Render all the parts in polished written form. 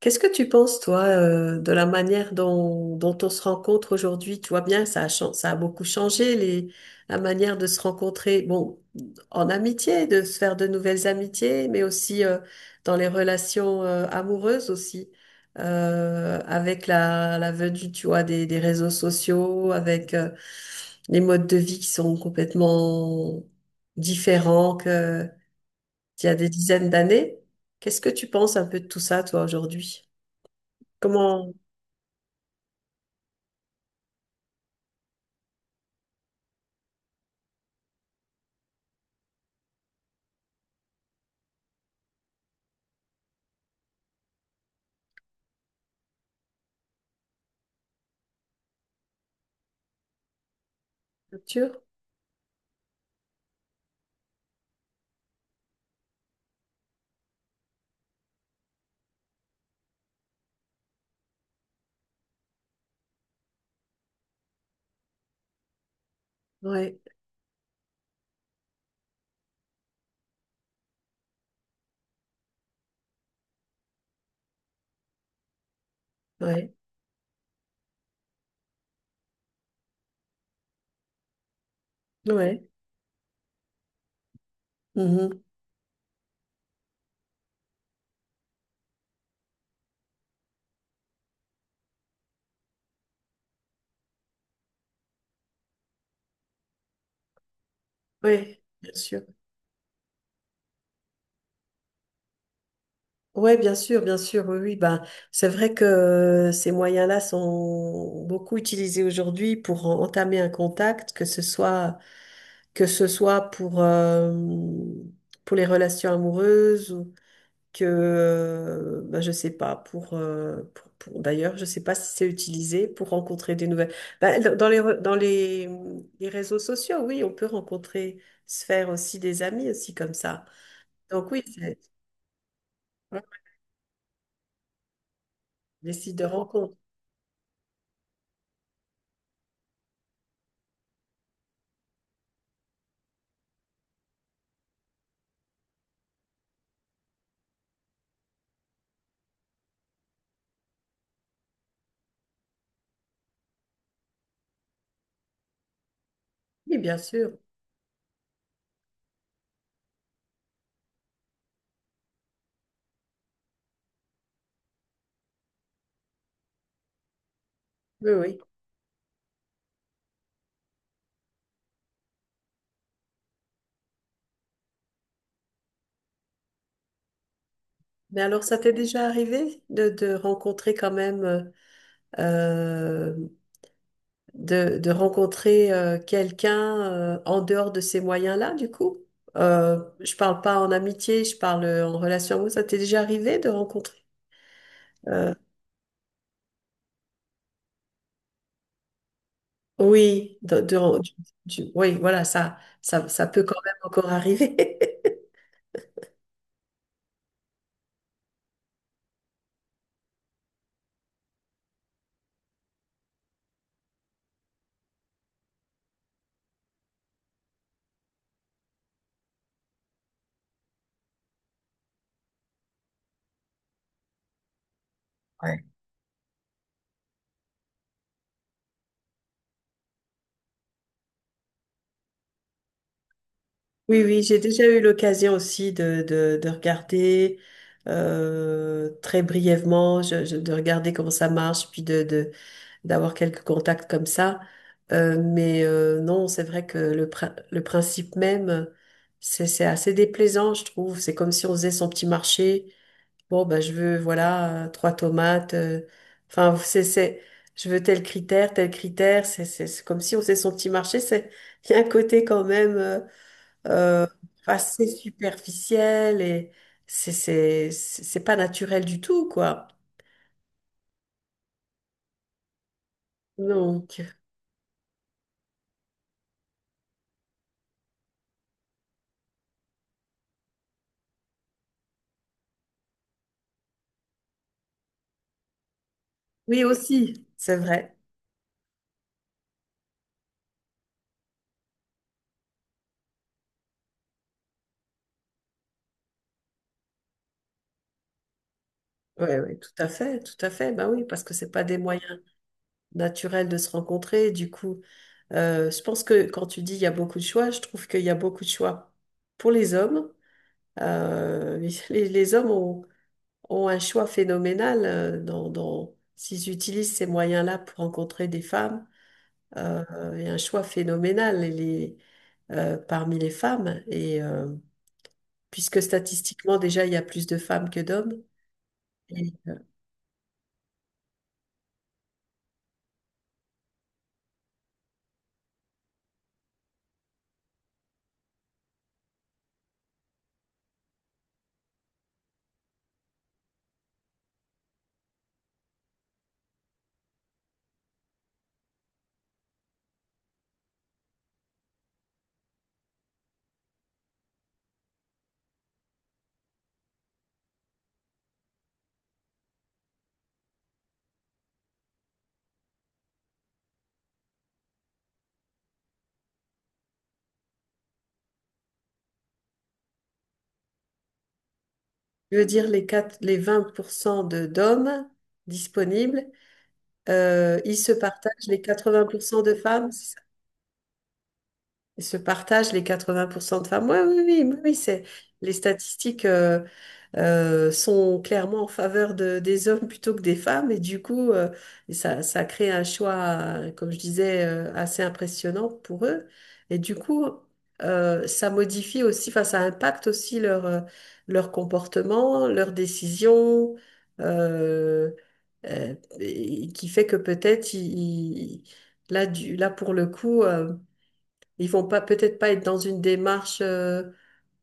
Qu'est-ce que tu penses, toi, de la manière dont on se rencontre aujourd'hui? Tu vois bien, ça a beaucoup changé, la manière de se rencontrer, bon, en amitié, de se faire de nouvelles amitiés, mais aussi dans les relations amoureuses aussi, avec la venue, tu vois, des réseaux sociaux, avec les modes de vie qui sont complètement différents qu'il y a des dizaines d'années. Qu'est-ce que tu penses un peu de tout ça, toi, aujourd'hui? Comment... Culture? Ouais, ouais, ouais, mhm, ouais, bien sûr. Ouais, bien sûr, oui, oui. Ben, c'est vrai que ces moyens-là sont beaucoup utilisés aujourd'hui pour entamer un contact, que ce soit pour les relations amoureuses que bah, je sais pas pour, d'ailleurs je sais pas si c'est utilisé pour rencontrer des nouvelles. Bah, dans dans les réseaux sociaux, oui on peut rencontrer, se faire aussi des amis aussi comme ça. Donc oui, c'est, ouais, des sites de rencontre, oui bien sûr, oui, oui. Mais alors, ça t'est déjà arrivé de rencontrer quand même euh, de rencontrer quelqu'un en dehors de ces moyens-là, du coup? Je parle pas en amitié, je parle en relation amoureuse. Ça t'est déjà arrivé de rencontrer? euh, oui, oui, voilà, ça peut quand même encore arriver. Ouais. Oui, oui, j'ai déjà eu l'occasion aussi de regarder très brièvement, de regarder comment ça marche, puis d'avoir quelques contacts comme ça. Mais non, c'est vrai que le principe même, c'est assez déplaisant, je trouve. C'est comme si on faisait son petit marché. Bon, ben, je veux, voilà, trois tomates. Enfin, je veux tel critère, tel critère. C'est comme si on faisait son petit marché. C'est, il y a un côté quand même euh, assez superficiel, et c'est pas naturel du tout, quoi. Donc, oui aussi, c'est vrai. Oui, oui, tout à fait, tout à fait. Ben oui, parce que c'est pas des moyens naturels de se rencontrer. Du coup, je pense que quand tu dis il y a beaucoup de choix, je trouve qu'il y a beaucoup de choix pour les hommes. Euh, les hommes ont un choix phénoménal s'ils utilisent ces moyens-là pour rencontrer des femmes. Euh, il y a un choix phénoménal et parmi les femmes. Et puisque statistiquement, déjà, il y a plus de femmes que d'hommes. Je veux dire, les 20% d'hommes disponibles, ils se partagent les 80% de femmes, c'est ça. Ils se partagent les 80% de femmes. Ouais, oui, oui, oui, oui, c'est les statistiques. Sont clairement en faveur des hommes plutôt que des femmes. Et du coup, et ça crée un choix, comme je disais, assez impressionnant pour eux. Et du coup, ça modifie aussi, enfin, ça impacte aussi leur comportement, leurs décisions, euh, euh, et qui fait que peut-être là, pour le coup, ils vont pas peut-être pas être dans une démarche.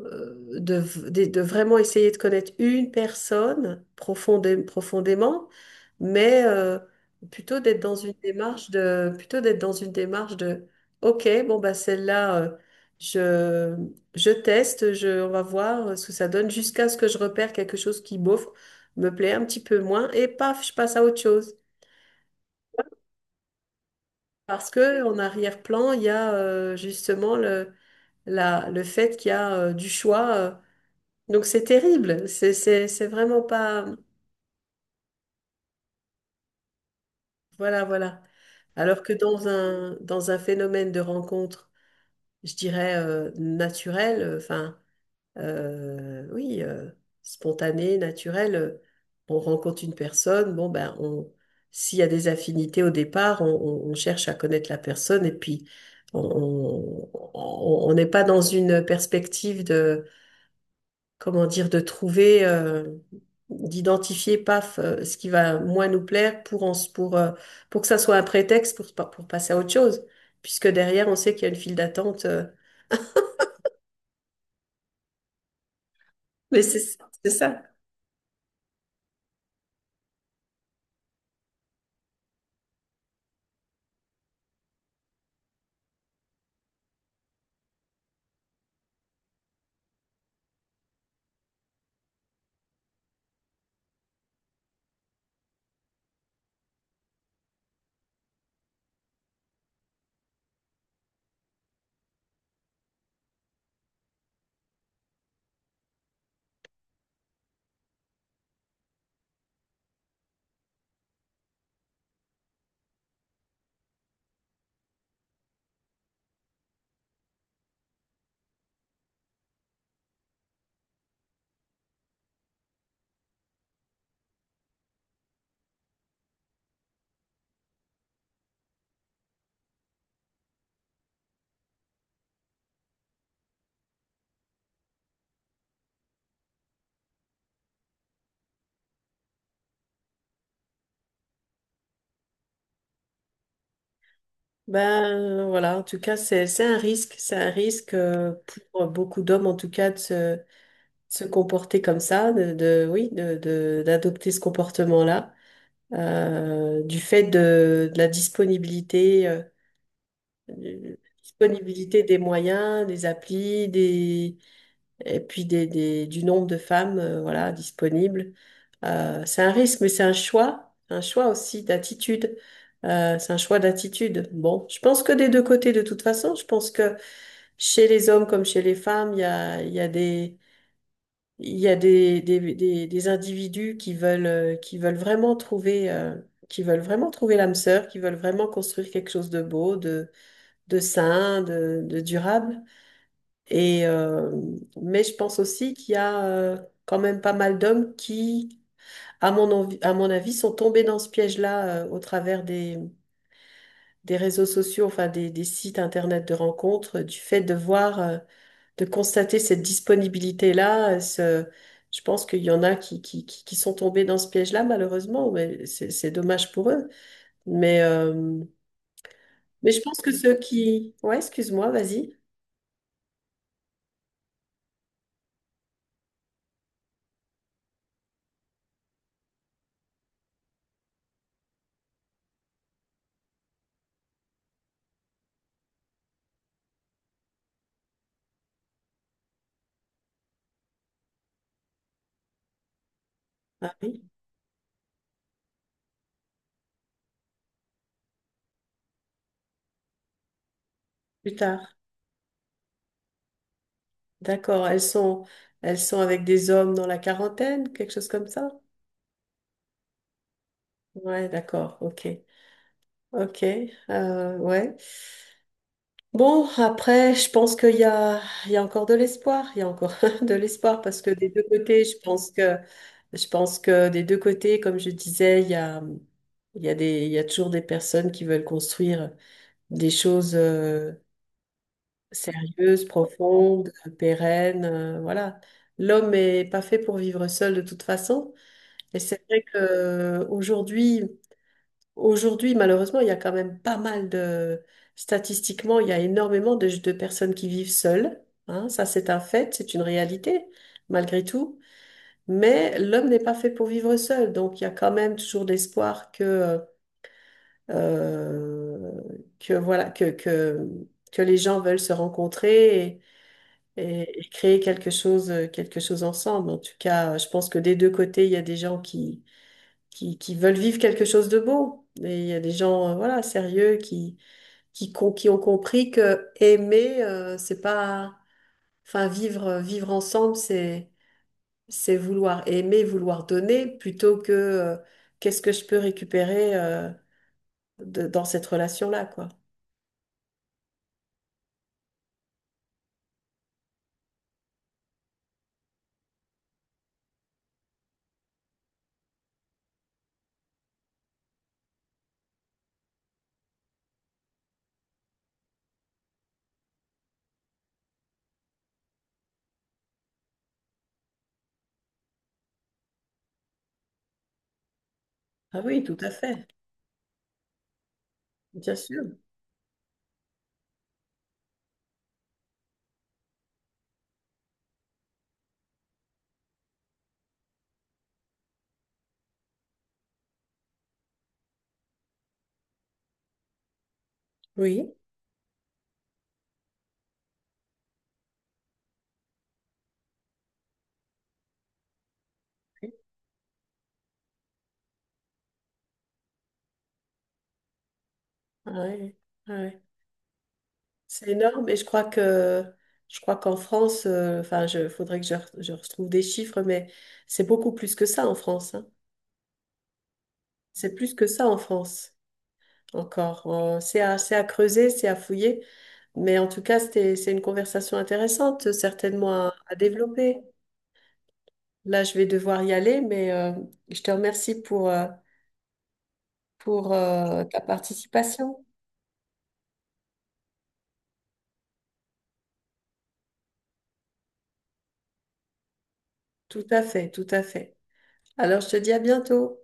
euh, de, de vraiment essayer de connaître une personne profondément, mais plutôt d'être dans une démarche de, OK, bon, bah, celle-là, je, je teste, on va voir ce que ça donne jusqu'à ce que je repère quelque chose qui, bof, me plaît un petit peu moins et paf, je passe à autre chose. Parce que en arrière-plan, il y a justement le, le fait qu'il y a du choix. Donc c'est terrible, c'est vraiment pas... Voilà, voilà. Alors que dans un phénomène de rencontre, je dirais naturel, enfin, oui, spontané, naturel, on rencontre une personne, bon, ben, s'il y a des affinités au départ, on cherche à connaître la personne, et puis on on n'est pas dans une perspective, comment dire, de trouver, d'identifier, paf, ce qui va moins nous plaire pour, pour que ça soit un prétexte pour, pour passer à autre chose, puisque derrière, on sait qu'il y a une file d'attente. Mais c'est ça. Ben voilà, en tout cas, c'est, c'est un risque pour beaucoup d'hommes, en tout cas, de se comporter comme ça, de, oui, de, d'adopter ce comportement-là, du fait de la disponibilité. De disponibilité des moyens, des applis, des, et puis du nombre de femmes voilà, disponibles. C'est un risque, mais c'est un choix aussi d'attitude. C'est un choix d'attitude. Bon, je pense que des deux côtés, de toute façon, je pense que chez les hommes comme chez les femmes, il y a des, il y a des, individus qui veulent vraiment trouver l'âme sœur, qui veulent vraiment construire quelque chose de beau, de sain, de durable. Et, euh, mais je pense aussi qu'il y a quand même pas mal d'hommes qui, à mon avis, sont tombés dans ce piège-là au travers des réseaux sociaux, enfin des sites internet de rencontres, du fait de voir, de constater cette disponibilité-là. Je pense qu'il y en a qui sont tombés dans ce piège-là, malheureusement, mais c'est dommage pour eux. Mais, euh, mais je pense que ceux qui... Ouais, excuse-moi, vas-y. Ah oui, plus tard. D'accord. Elles sont avec des hommes dans la quarantaine, quelque chose comme ça? Ouais, d'accord. Ok. Ok. Ouais. Bon, après, je pense qu'il y a encore de l'espoir. Il y a encore de l'espoir parce que des deux côtés, je pense que des deux côtés, comme je disais, il y a des, il y a toujours des personnes qui veulent construire des choses. Sérieuse, profonde, pérenne, voilà. L'homme est pas fait pour vivre seul de toute façon. Et c'est vrai que aujourd'hui, malheureusement, il y a quand même pas mal statistiquement, il y a énormément de personnes qui vivent seules. Hein. Ça, c'est un fait, c'est une réalité, malgré tout. Mais l'homme n'est pas fait pour vivre seul. Donc, il y a quand même toujours l'espoir euh, que voilà, que les gens veulent se rencontrer et créer quelque chose ensemble. En tout cas, je pense que des deux côtés, il y a des gens qui veulent vivre quelque chose de beau. Et il y a des gens, voilà, sérieux qui ont compris que aimer, c'est pas, enfin, vivre ensemble, c'est vouloir aimer, vouloir donner, plutôt que, qu'est-ce que je peux récupérer, dans cette relation-là, quoi. Ah oui, tout à fait, bien sûr. Oui. Oui. Ouais, ouais. C'est énorme, et je crois qu'en France, enfin, je faudrait que je retrouve des chiffres, mais c'est beaucoup plus que ça en France. Hein. C'est plus que ça en France encore. C'est à, creuser, c'est à fouiller, mais en tout cas, c'était, c'est une conversation intéressante, certainement à développer. Là, je vais devoir y aller, mais je te remercie pour ta participation. Tout à fait, tout à fait. Alors, je te dis à bientôt.